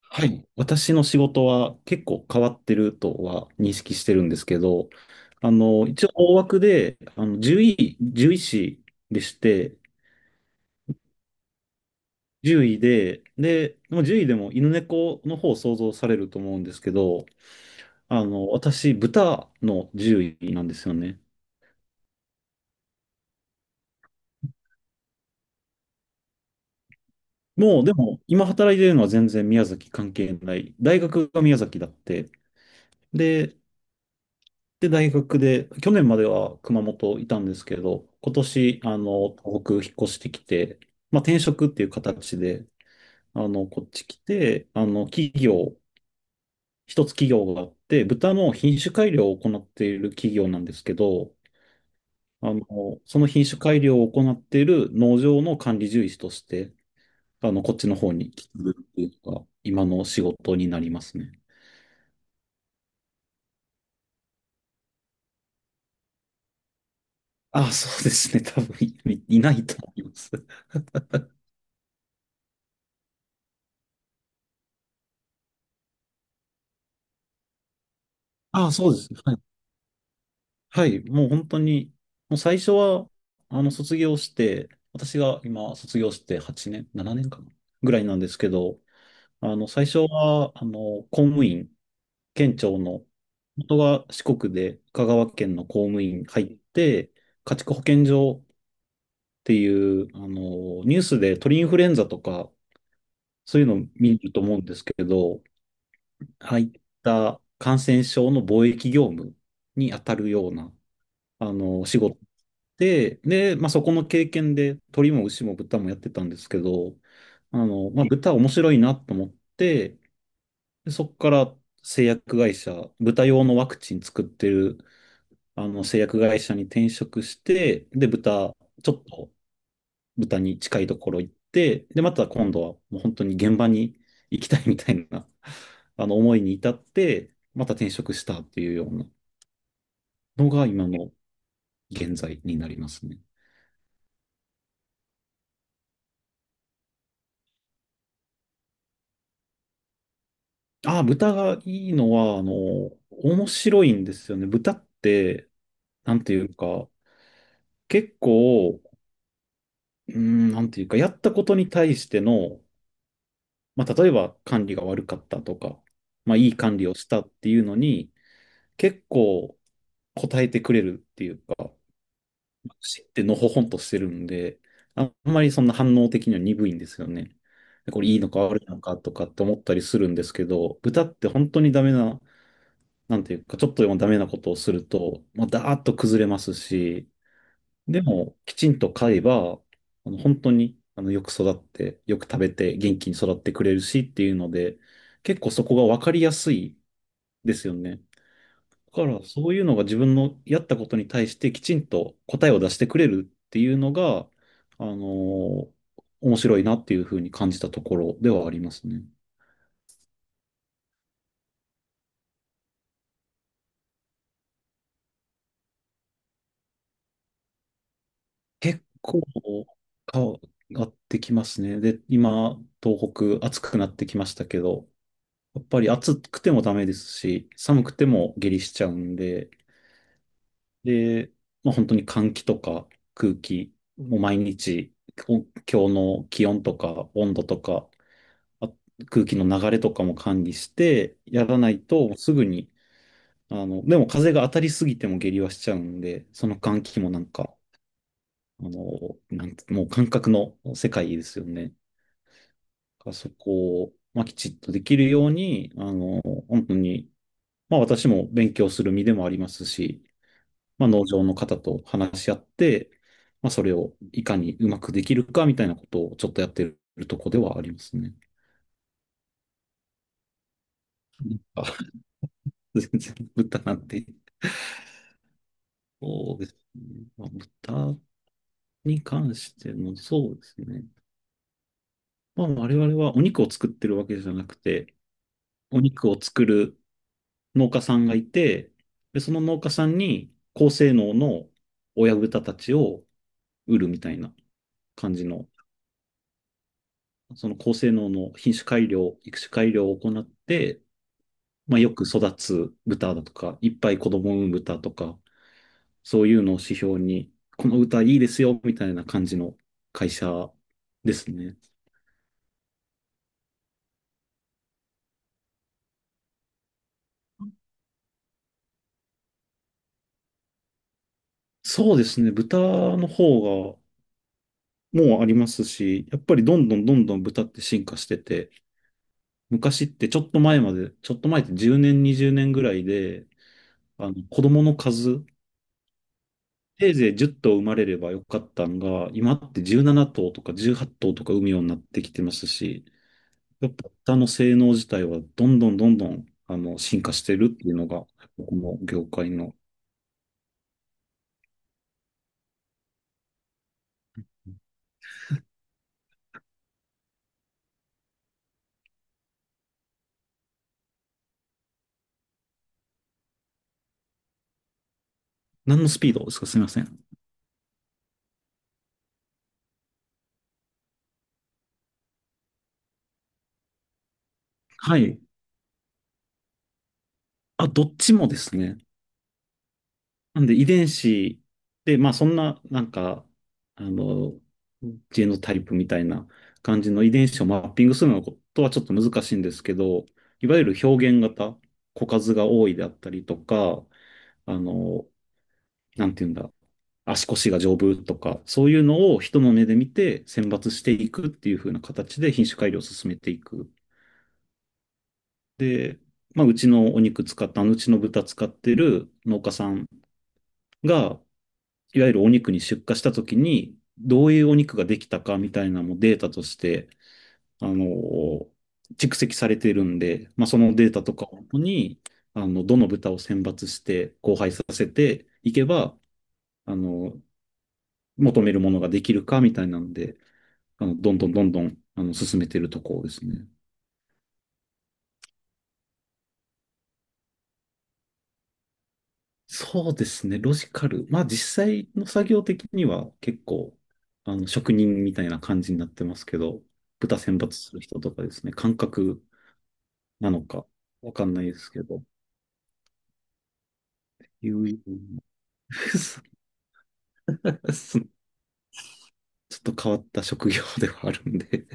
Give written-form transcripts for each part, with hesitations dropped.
はい。私の仕事は結構変わってるとは認識してるんですけど、一応大枠で、獣医師でして、獣医で、で、まあ獣医でも犬猫の方を想像されると思うんですけど、私、豚の獣医なんですよね。もう、でも、今働いてるのは全然宮崎関係ない。大学が宮崎だって。で、で、大学で、去年までは熊本いたんですけど、今年、東北引っ越してきて、まあ、転職っていう形で、こっち来て、一つ企業があって、豚の品種改良を行っている企業なんですけど、その品種改良を行っている農場の管理獣医師として、こっちの方に来るっていうのが、今の仕事になりますね。ああ、そうですね。多分いないと思います。ああ、そうです。はい。はい、もう本当に、もう最初は、卒業して、私が今、卒業して8年、7年かな、ぐらいなんですけど、最初は、公務員、県庁の、元が四国で、香川県の公務員入って、家畜保健所っていう、ニュースで鳥インフルエンザとか、そういうの見ると思うんですけど、入った感染症の防疫業務に当たるような、仕事で、で、まあ、そこの経験で鳥も牛も豚もやってたんですけど、まあ、豚面白いなと思って、でそこから製薬会社、豚用のワクチン作ってるあの製薬会社に転職して、で、豚、ちょっと豚に近いところ行って、で、また今度はもう本当に現場に行きたいみたいな、あの思いに至って、また転職したっていうようなのが今の現在になりますね。あ、豚がいいのは、面白いんですよね。豚って、なんていうか、結構、なんていうか、やったことに対しての、まあ、例えば管理が悪かったとか、まあ、いい管理をしたっていうのに、結構答えてくれるっていうか、知ってのほほんとしてるんで、あんまりそんな反応的には鈍いんですよね。でこれいいのか悪いのかとかって思ったりするんですけど、豚って本当にダメななんていうか、ちょっとでもダメなことをすると、まあダーッと崩れますし、でも、きちんと飼えば、あの本当に、よく育って、よく食べて、元気に育ってくれるしっていうので、結構そこが分かりやすいですよね。だから、そういうのが自分のやったことに対してきちんと答えを出してくれるっていうのが、あのー面白いなっていうふうに感じたところではありますね。結構変わってきますね。で、今、東北暑くなってきましたけど、やっぱり暑くてもダメですし、寒くても下痢しちゃうんで、で、まあ、本当に換気とか空気、もう毎日、お今日の気温とか温度とか、あ空気の流れとかも管理してやらないとすぐに、でも風が当たりすぎても下痢はしちゃうんで、その換気もなんかあのなんつもう感覚の世界ですよね。そこを、まあ、きちっとできるように、本当に、まあ、私も勉強する身でもありますし、まあ、農場の方と話し合って、まあ、それをいかにうまくできるかみたいなことをちょっとやってるとこではありますね。あ、全然豚なんて、そうですね。まあ、豚に関しての、そうですね。まあ、我々はお肉を作ってるわけじゃなくて、お肉を作る農家さんがいて、で、その農家さんに高性能の親豚たちを売るみたいな感じの、その高性能の品種改良、育種改良を行って、まあ、よく育つ豚だとか、いっぱい子供を産む豚とか、そういうのを指標に、この豚いいですよ、みたいな感じの会社ですね。そうですね。豚の方がもうありますし、やっぱりどんどんどんどん豚って進化してて、昔ってちょっと前まで、ちょっと前って10年、20年ぐらいで、あの子供の数、せいぜい10頭生まれればよかったんが、今って17頭とか18頭とか産むようになってきてますし、やっぱ豚の性能自体はどんどんどんどんあの進化してるっていうのが、この業界の、何のスピードですかすみません。はい。あ、どっちもですね。なんで遺伝子で、まあそんな、なんか、あの、ジェノタイプみたいな感じの遺伝子をマッピングするのことはちょっと難しいんですけど、いわゆる表現型、個数が多いであったりとか、あの、なんていうんだ、足腰が丈夫とか、そういうのを人の目で見て選抜していくっていう風な形で品種改良を進めていく。で、まあ、うちのお肉使った、あのうちの豚使ってる農家さんが、いわゆるお肉に出荷したときに、どういうお肉ができたかみたいなのもデータとして、あの、蓄積されているんで、まあ、そのデータとかをもとに、どの豚を選抜して、交配させていけば、あの、求めるものができるかみたいなんで、どんどんどんどん、進めているところですね。そうですね、ロジカル。まあ、実際の作業的には結構、職人みたいな感じになってますけど、豚選抜する人とかですね、感覚なのか、わかんないですけど、友人 ちょっと変わった職業ではあるんで、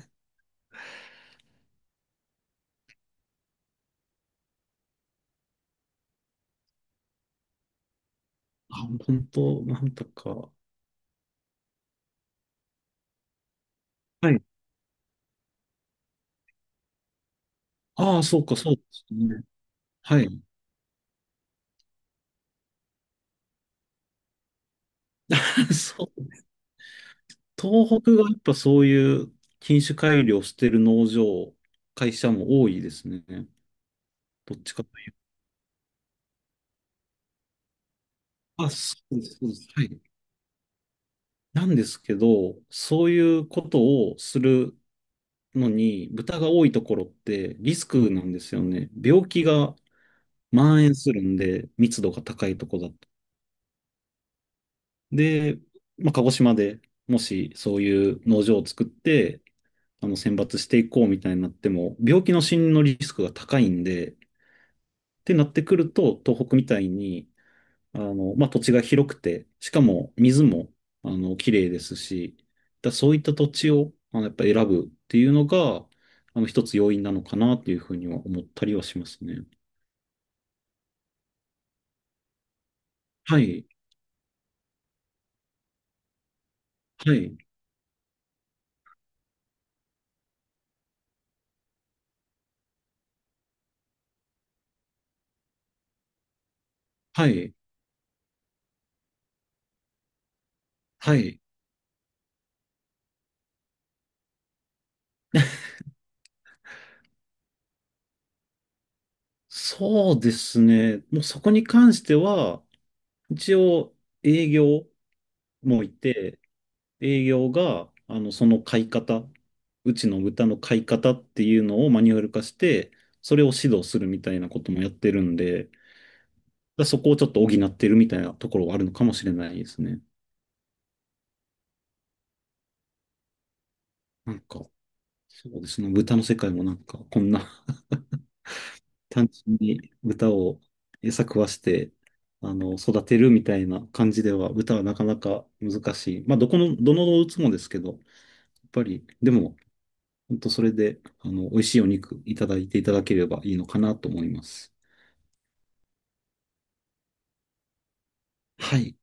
あ、本当、なんとか。はい。ああ、そうか、そうですね。はい。そう。東北がやっぱそういう品種改良してる農場、会社も多いですね。どっちかというと。あ、そうです、そうです。はい。なんですけど、そういうことをするのに、豚が多いところってリスクなんですよね。病気が蔓延するんで、密度が高いとこだと。で、まあ、鹿児島でもしそういう農場を作って、選抜していこうみたいになっても、病気の死因のリスクが高いんで、ってなってくると、東北みたいに、まあ、土地が広くて、しかも水も、綺麗ですし、だそういった土地を、やっぱ選ぶっていうのが、一つ要因なのかなっていうふうには思ったりはしますね。はい、はい、はい、はい。そうですね。もうそこに関しては、一応営業もいて、営業が、その買い方、うちの豚の買い方っていうのをマニュアル化して、それを指導するみたいなこともやってるんで、だからそこをちょっと補ってるみたいなところはあるのかもしれないですね。なんか、そうですね。豚の世界もなんか、こんな 単純に豚を餌食わして、育てるみたいな感じでは、豚はなかなか難しい。まあ、どの動物もですけど、やっぱり、でも、本当それで、美味しいお肉いただいていただければいいのかなと思います。はい。